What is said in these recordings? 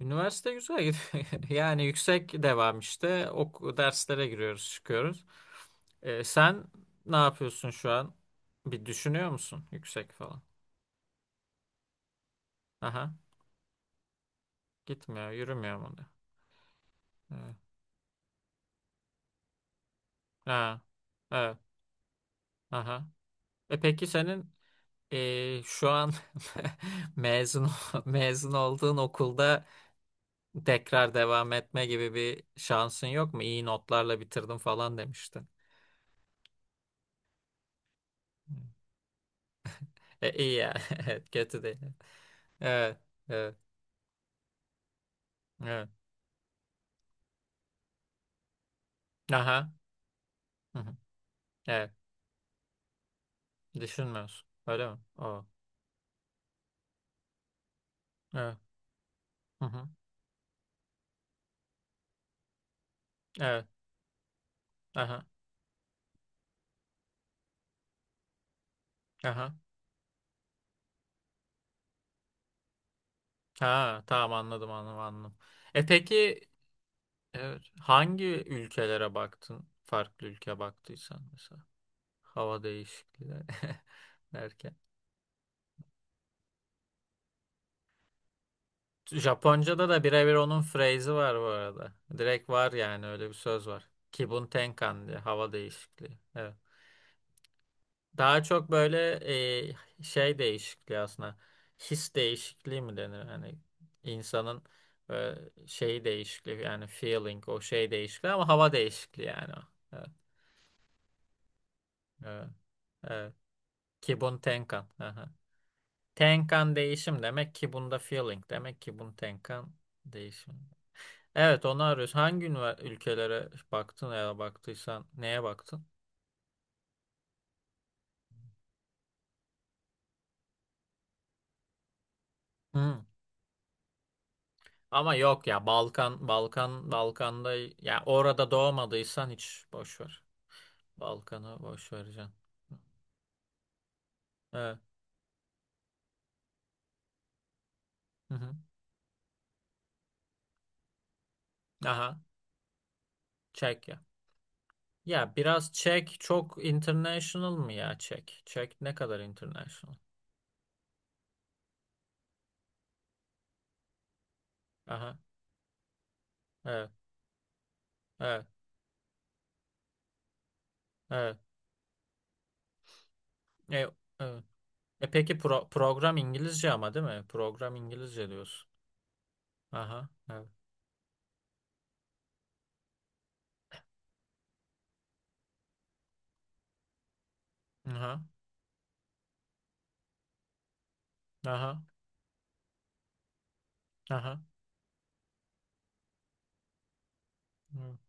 Üniversite güzel gidiyor. Yani yüksek devam işte. Ok derslere giriyoruz, çıkıyoruz. Sen ne yapıyorsun şu an? Bir düşünüyor musun yüksek falan? Aha. Gitmiyor, yürümüyor mu? Diyor. Evet. Ha. Evet. Aha. E peki senin şu an mezun olduğun okulda tekrar devam etme gibi bir şansın yok mu? İyi notlarla bitirdim falan demiştin. İyi ya. Evet, kötü değil. Evet. Evet. Evet. Aha. Hı hı. Evet. Düşünmüyorsun. Öyle mi? O. Evet. Hı hı. Evet. Aha. Aha. Ha, tamam anladım anladım anladım. E peki evet, hangi ülkelere baktın? Farklı ülke baktıysan mesela. Hava değişikliği derken. Japonca'da da birebir onun phrase'i var bu arada. Direkt var yani öyle bir söz var. Kibun Tenkan diye hava değişikliği. Evet. Daha çok böyle şey değişikliği aslında. His değişikliği mi denir? Hani insanın e, şeyi değişikliği yani feeling o şey değişikliği ama hava değişikliği yani o. Evet. Evet. Evet. Kibun Tenkan. Aha. Tenkan değişim demek ki bunda feeling demek ki bun Tenkan değişim. Evet onu arıyoruz. Hangi ülkelere baktın ya da baktıysan neye baktın? Hı. Ama yok ya Balkan Balkan Balkan'da ya orada doğmadıysan hiç boş ver. Balkan'ı boş vereceksin. Evet. Hı hı. Aha Çek ya. Ya biraz Çek çok international mı ya Çek? Çek ne kadar international? Aha evet evet evet. E, evet. E peki program İngilizce ama değil mi? Program İngilizce diyorsun. Aha evet. Aha aha aha. Evet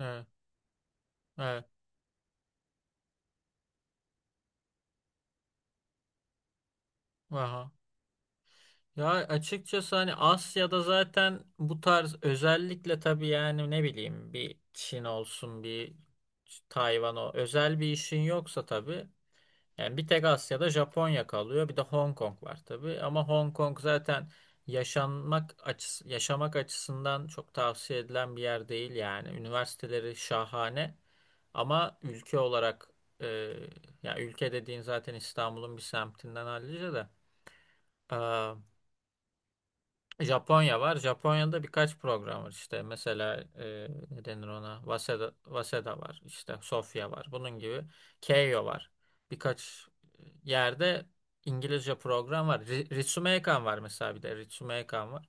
evet evet. Aha. Ya açıkçası hani Asya'da zaten bu tarz özellikle tabii yani ne bileyim bir Çin olsun bir Tayvan o özel bir işin yoksa tabii yani bir tek Asya'da Japonya kalıyor bir de Hong Kong var tabii ama Hong Kong zaten yaşanmak açıs yaşamak açısından çok tavsiye edilen bir yer değil yani üniversiteleri şahane ama ülke olarak e, ya ülke dediğin zaten İstanbul'un bir semtinden hallice de. Japonya var. Japonya'da birkaç program var işte. Mesela ne denir ona? Waseda, Waseda var. İşte Sofya var. Bunun gibi. Keio var. Birkaç yerde İngilizce program var. Ritsumeikan var mesela bir de. Ritsumeikan var.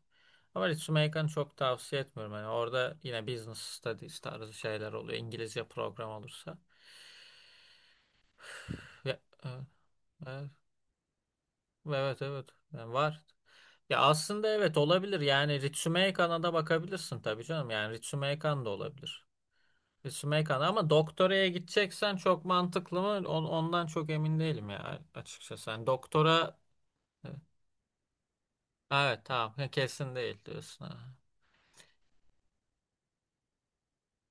Ama Ritsumeikan'ı çok tavsiye etmiyorum. Yani orada yine business studies tarzı şeyler oluyor. İngilizce program olursa. Ve, e, e, evet evet. Yani var. Ya aslında evet olabilir. Yani Ritsumei Kan'a da bakabilirsin tabii canım. Yani Ritsumei Kan da olabilir. Ritsumei Kan ama doktoraya gideceksen çok mantıklı mı? Ondan çok emin değilim ya açıkçası. Yani doktora evet, evet tamam kesin değil diyorsun. Ha.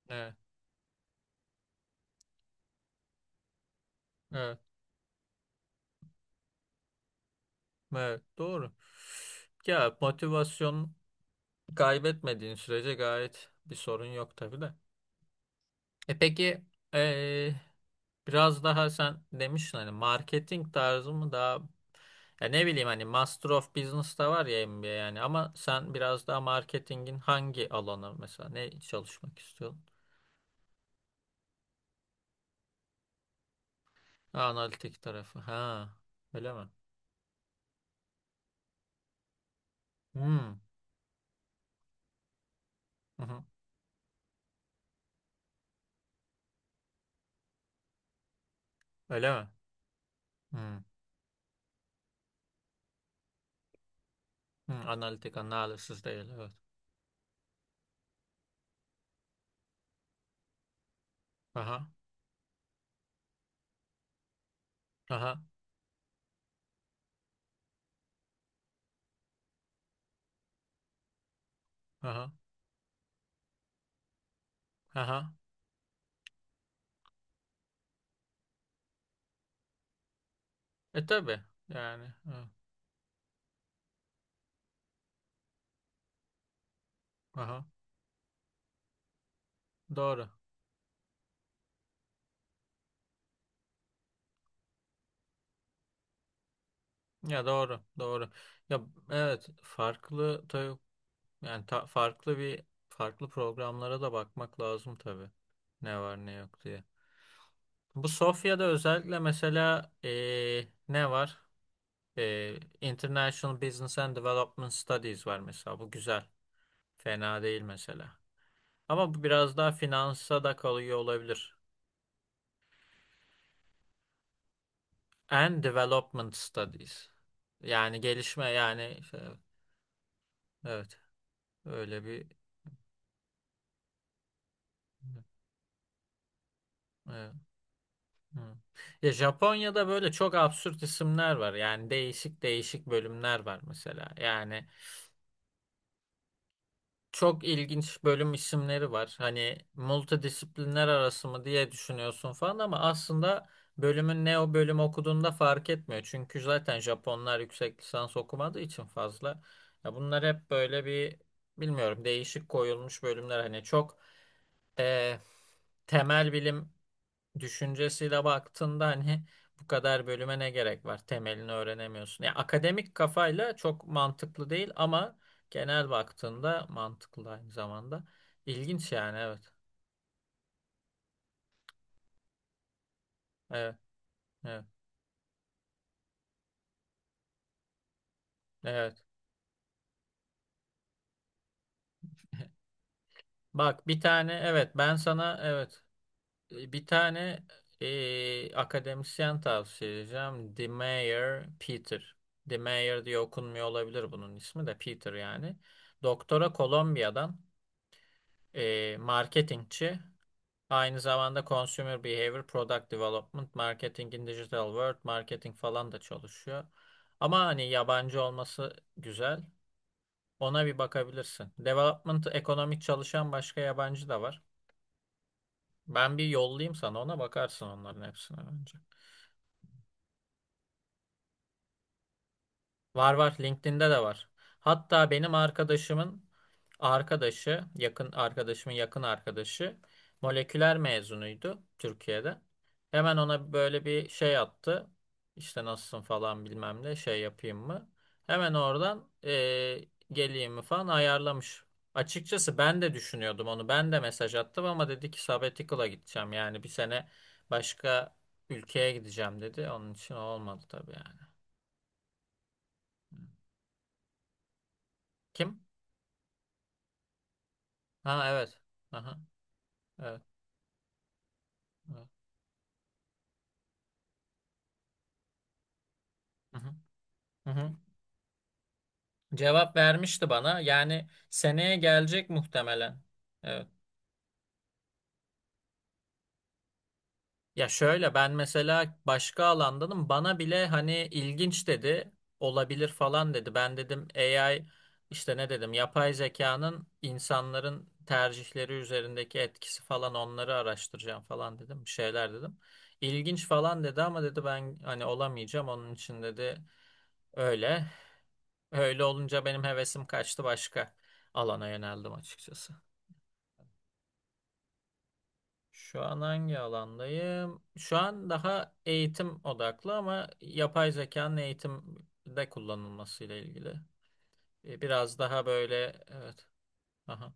Evet, evet, evet doğru. Ya motivasyon kaybetmediğin sürece gayet bir sorun yok tabii de. E peki eee, biraz daha sen demiştin hani marketing tarzı mı daha ya ne bileyim hani Master of Business'ta var ya MBA yani ama sen biraz daha marketingin hangi alanı mesela ne çalışmak istiyorsun? Ha, analitik tarafı. Ha, öyle mi? Hmm. Hı hı. Öyle mi? Hmm. Hmm. Analitik analysis değil evet. Aha. Aha. Aha. Aha. E tabii yani. Evet. Aha. Doğru. Ya doğru, doğru. Ya evet farklı tabii yani farklı bir farklı programlara da bakmak lazım tabii. Ne var ne yok diye. Bu Sofya'da özellikle mesela ne var? International Business and Development Studies var mesela. Bu güzel. Fena değil mesela. Ama bu biraz daha finansa da kalıyor olabilir. And Development Studies. Yani gelişme yani işte, evet öyle bir evet. Hı. Ya Japonya'da böyle çok absürt isimler var. Yani değişik değişik bölümler var mesela. Yani çok ilginç bölüm isimleri var. Hani multidisiplinler arası mı diye düşünüyorsun falan ama aslında bölümün ne o bölüm okuduğunda fark etmiyor. Çünkü zaten Japonlar yüksek lisans okumadığı için fazla. Ya bunlar hep böyle bir bilmiyorum değişik koyulmuş bölümler. Hani çok eh, temel bilim düşüncesiyle baktığında hani bu kadar bölüme ne gerek var? Temelini öğrenemiyorsun. Ya akademik kafayla çok mantıklı değil ama genel baktığında mantıklı aynı zamanda. İlginç yani evet. Evet, evet, evet. Bak bir tane evet ben sana evet bir tane akademisyen tavsiye edeceğim. De Meyer Peter. De Meyer diye okunmuyor olabilir bunun ismi de Peter yani. Doktora Kolombiya'dan marketingçi. Aynı zamanda Consumer Behavior, Product Development, Marketing Digital World, Marketing falan da çalışıyor. Ama hani yabancı olması güzel. Ona bir bakabilirsin. Development, ekonomik çalışan başka yabancı da var. Ben bir yollayayım sana ona bakarsın onların hepsine önce. Var var. LinkedIn'de de var. Hatta benim arkadaşımın arkadaşı, yakın arkadaşımın yakın arkadaşı moleküler mezunuydu Türkiye'de. Hemen ona böyle bir şey attı. İşte nasılsın falan bilmem ne şey yapayım mı? Hemen oradan geleyim mi falan ayarlamış. Açıkçası ben de düşünüyordum onu. Ben de mesaj attım ama dedi ki sabbatical'a gideceğim. Yani bir sene başka ülkeye gideceğim dedi. Onun için olmadı tabii yani. Kim? Ha evet. Aha, evet. Evet. Hı hı, hı hı. Cevap vermişti bana. Yani seneye gelecek muhtemelen. Evet. Ya şöyle ben mesela başka alandanım. Bana bile hani ilginç dedi. Olabilir falan dedi. Ben dedim AI işte ne dedim yapay zekanın insanların tercihleri üzerindeki etkisi falan onları araştıracağım falan dedim. Bir şeyler dedim. İlginç falan dedi ama dedi ben hani olamayacağım. Onun için dedi öyle. Öyle olunca benim hevesim kaçtı başka alana yöneldim açıkçası. Şu an hangi alandayım? Şu an daha eğitim odaklı ama yapay zekanın eğitimde kullanılmasıyla ilgili. Biraz daha böyle evet. Aha.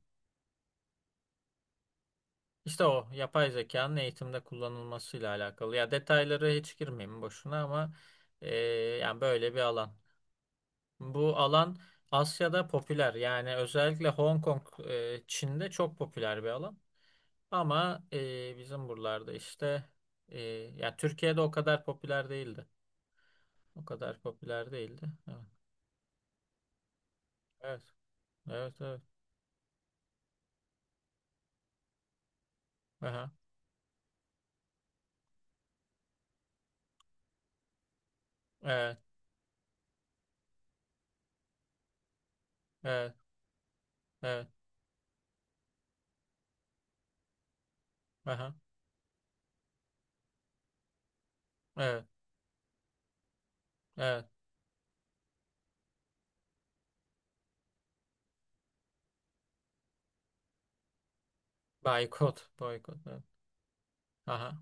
İşte o yapay zekanın eğitimde kullanılmasıyla alakalı. Ya detayları hiç girmeyeyim boşuna ama e, yani böyle bir alan. Bu alan Asya'da popüler. Yani özellikle Hong Kong, Çin'de çok popüler bir alan. Ama bizim buralarda işte e, ya Türkiye'de o kadar popüler değildi. O kadar popüler değildi. Evet. Evet, evet. Evet. Aha. Evet, evet, evet. Aha. Evet, evet. Boykot, boykot. Evet. Aha.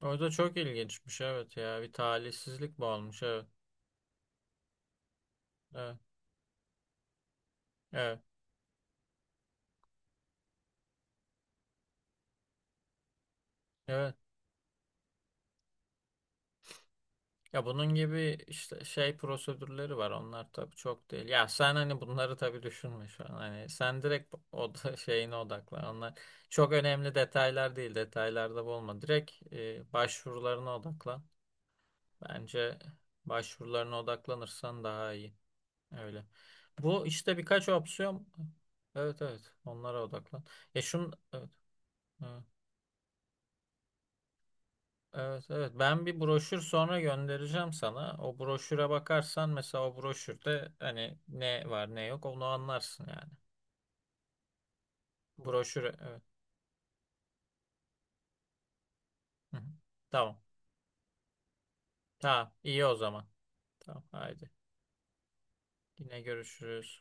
O da çok ilginçmiş evet ya. Bir talihsizlik bu olmuş evet. Evet. Evet. Evet. Ya bunun gibi işte şey prosedürleri var. Onlar tabii çok değil. Ya sen hani bunları tabii düşünme şu an. Hani sen direkt o da şeyine odaklan. Onlar çok önemli detaylar değil. Detaylarda olma. Direkt başvurularına odaklan. Bence başvurularına odaklanırsan daha iyi. Öyle. Bu işte birkaç opsiyon. Evet evet. Onlara odaklan. Ya evet. Evet. Evet evet ben bir broşür sonra göndereceğim sana. O broşüre bakarsan mesela o broşürde hani ne var ne yok onu anlarsın yani. Broşür, evet. Hı hı. Tamam. Tamam. iyi o zaman. Tamam haydi. Yine görüşürüz.